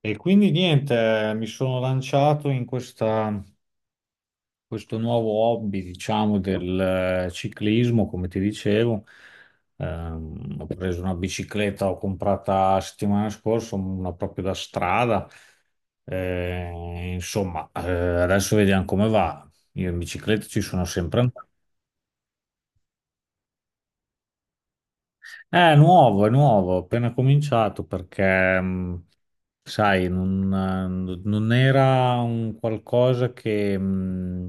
E quindi niente, mi sono lanciato in questo nuovo hobby, diciamo, del ciclismo, come ti dicevo. Ho preso una bicicletta, ho comprata settimana scorsa, una proprio da strada. Insomma, adesso vediamo come va. Io in bicicletta ci sono sempre andato. È nuovo, ho appena cominciato perché, sai, non era un qualcosa che, mh,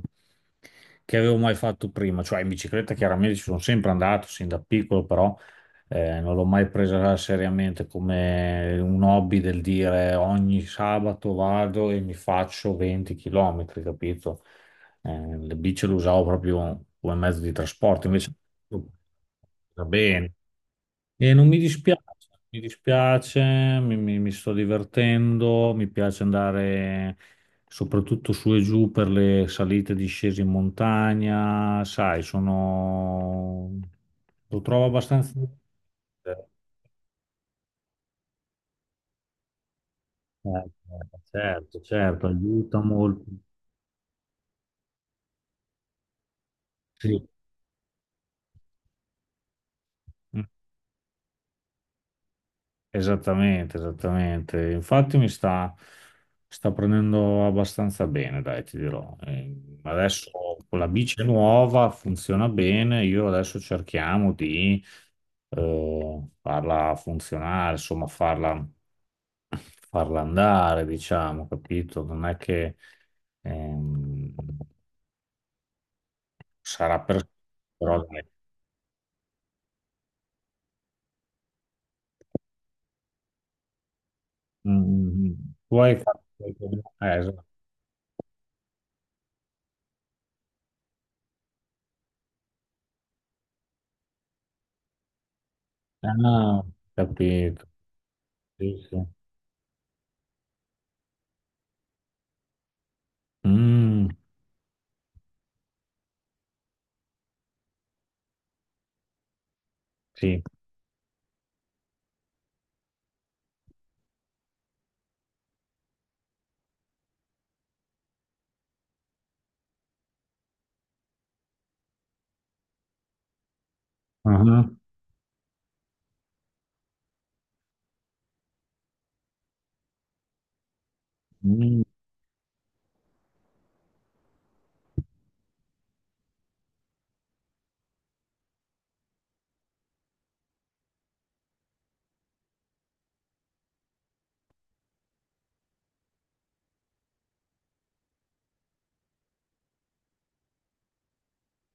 che avevo mai fatto prima. Cioè, in bicicletta chiaramente ci sono sempre andato, sin da piccolo, però non l'ho mai presa seriamente come un hobby del dire ogni sabato vado e mi faccio 20 km, capito? Le bici le usavo proprio come mezzo di trasporto, invece va bene. E non mi dispiace, mi dispiace, mi sto divertendo, mi piace andare soprattutto su e giù per le salite e discese in montagna, sai, sono. Lo trovo abbastanza. Eh, eh, certo, certo, aiuta molto. Sì. Mm. Esattamente, esattamente. Infatti mi sta prendendo abbastanza bene, dai, ti dirò. Adesso con la bici nuova funziona bene, io adesso cerchiamo di farla funzionare, insomma, farla andare, diciamo, capito? Non è che ehm, sarà per. Però dai. Mm, mm, mm. Tu hai fatto. Esatto. Ah, capito. Sì, sì. Mm, sì. Ah, mm,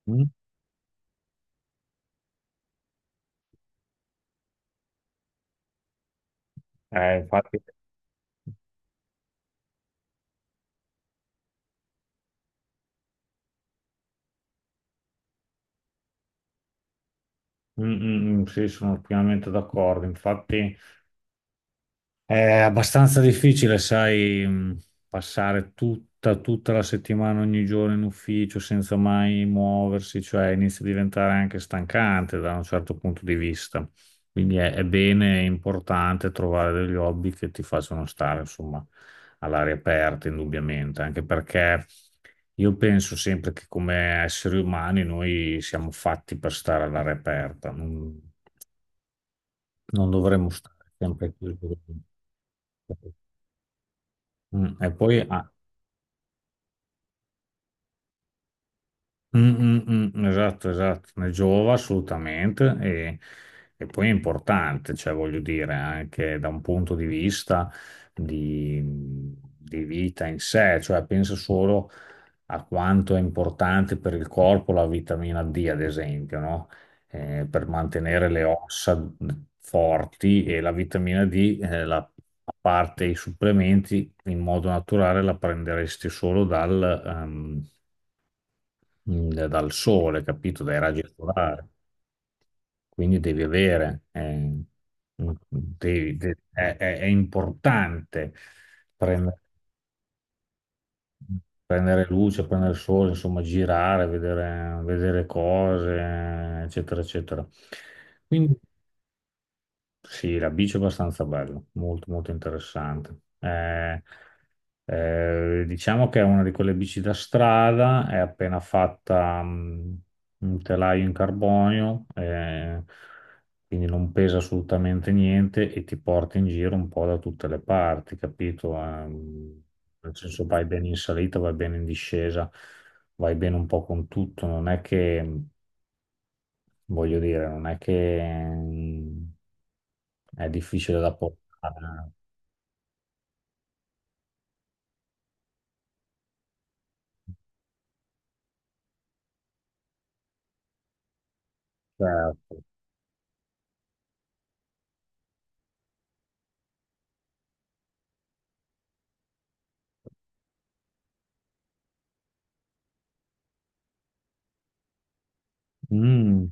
mm. Infatti, mm, mm, mm, sì, sono pienamente d'accordo. Infatti, è abbastanza difficile, sai, passare tutta la settimana, ogni giorno in ufficio senza mai muoversi, cioè inizia a diventare anche stancante da un certo punto di vista. Quindi è bene, è importante trovare degli hobby che ti facciano stare, insomma, all'aria aperta, indubbiamente, anche perché io penso sempre che come esseri umani noi siamo fatti per stare all'aria aperta, non dovremmo stare sempre chiusi. Mm, e poi, ah, mm, mm, mm, esatto, esatto, ne giova assolutamente e poi è importante, cioè voglio dire, anche da un punto di vista di, di vita in sé, cioè pensa solo a quanto è importante per il corpo la vitamina D, ad esempio, no? Per mantenere le ossa forti e la vitamina D, la, a parte i supplementi, in modo naturale la prenderesti solo dal sole, capito? Dai raggi solari. Quindi devi avere, è, è importante prendere, prendere luce, prendere sole, insomma, girare, vedere, vedere cose, eccetera, eccetera. Quindi sì, la bici è abbastanza bella, molto, molto interessante. Diciamo che è una di quelle bici da strada, è appena fatta un telaio in carbonio, quindi non pesa assolutamente niente e ti porta in giro un po' da tutte le parti, capito? Nel senso vai bene in salita, vai bene in discesa, vai bene un po' con tutto, non è che, voglio dire, non è che mh, è difficile da portare. Certo. Mm.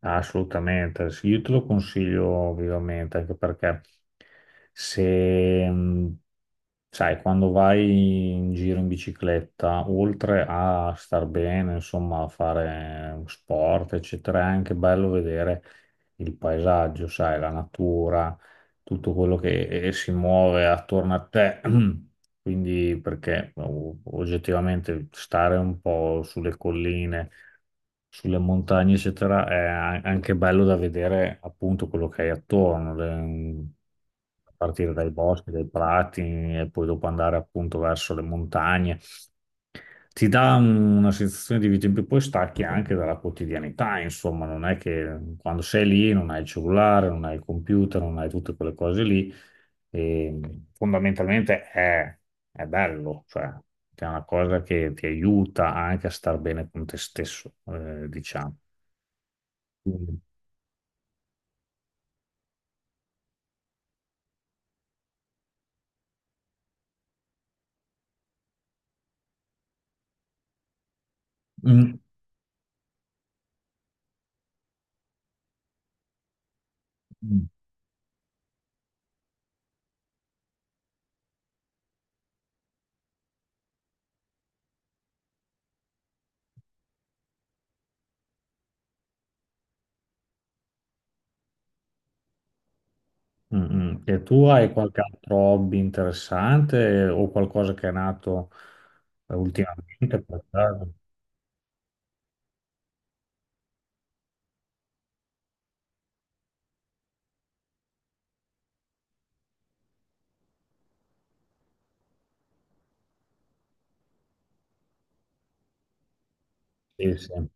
Assolutamente, sì, io te lo consiglio vivamente, anche perché se, sai, quando vai in giro in bicicletta, oltre a star bene, insomma, a fare sport, eccetera, è anche bello vedere il paesaggio, sai, la natura, tutto quello che si muove attorno a te. Quindi, perché oggettivamente stare un po' sulle colline sulle montagne, eccetera, è anche bello da vedere appunto quello che hai attorno, a partire dai boschi, dai prati e poi dopo andare appunto verso le montagne. Ti dà una sensazione di vita in più, poi stacchi anche dalla quotidianità, insomma, non è che quando sei lì non hai il cellulare, non hai il computer, non hai tutte quelle cose lì e fondamentalmente è bello, cioè che è una cosa che ti aiuta anche a star bene con te stesso, diciamo. Mm, mm, mm, mm, mm. E tu hai qualche altro hobby interessante o qualcosa che è nato ultimamente per caso? Sì, sì.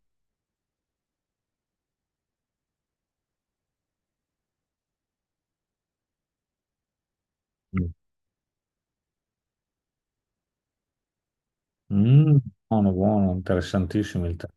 Mm. Mm, buono, buono, interessantissimo il tema.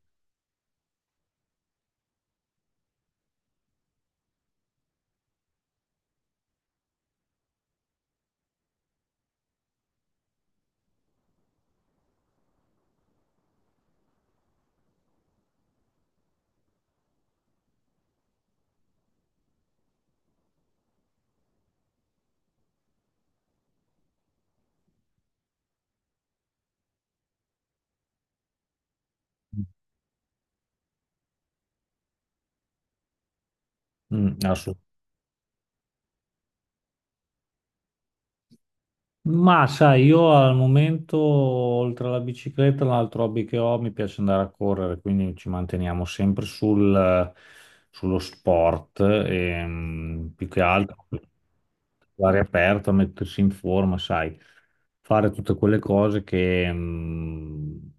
Mm. Ma sai, io al momento, oltre alla bicicletta, l'altro hobby che ho, mi piace andare a correre, quindi ci manteniamo sempre sullo sport, e, più che altro. L'aria aperta, mettersi in forma, sai, fare tutte quelle cose che, mh,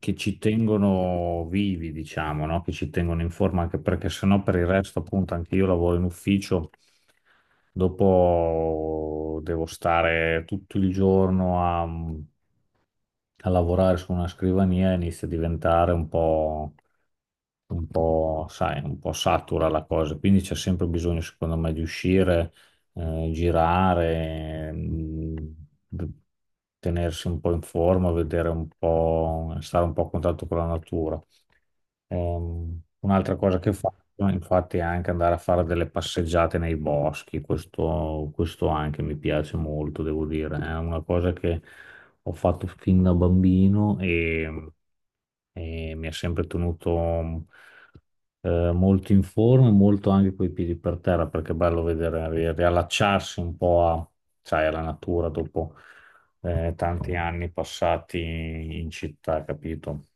che ci tengono vivi, diciamo, no? Che ci tengono in forma, anche perché sennò per il resto, appunto, anche io lavoro in ufficio, dopo devo stare tutto il giorno a lavorare su una scrivania e inizia a diventare un po', sai, un po' satura la cosa, quindi c'è sempre bisogno, secondo me, di uscire, girare, tenersi un po' in forma, vedere un po', stare un po' a contatto con la natura. Un'altra cosa che faccio, infatti, è anche andare a fare delle passeggiate nei boschi, questo anche mi piace molto, devo dire, è una cosa che ho fatto fin da bambino e mi ha sempre tenuto molto in forma, e molto anche coi piedi per terra, perché è bello vedere, riallacciarsi un po' sai, alla natura dopo tanti anni passati in città, capito?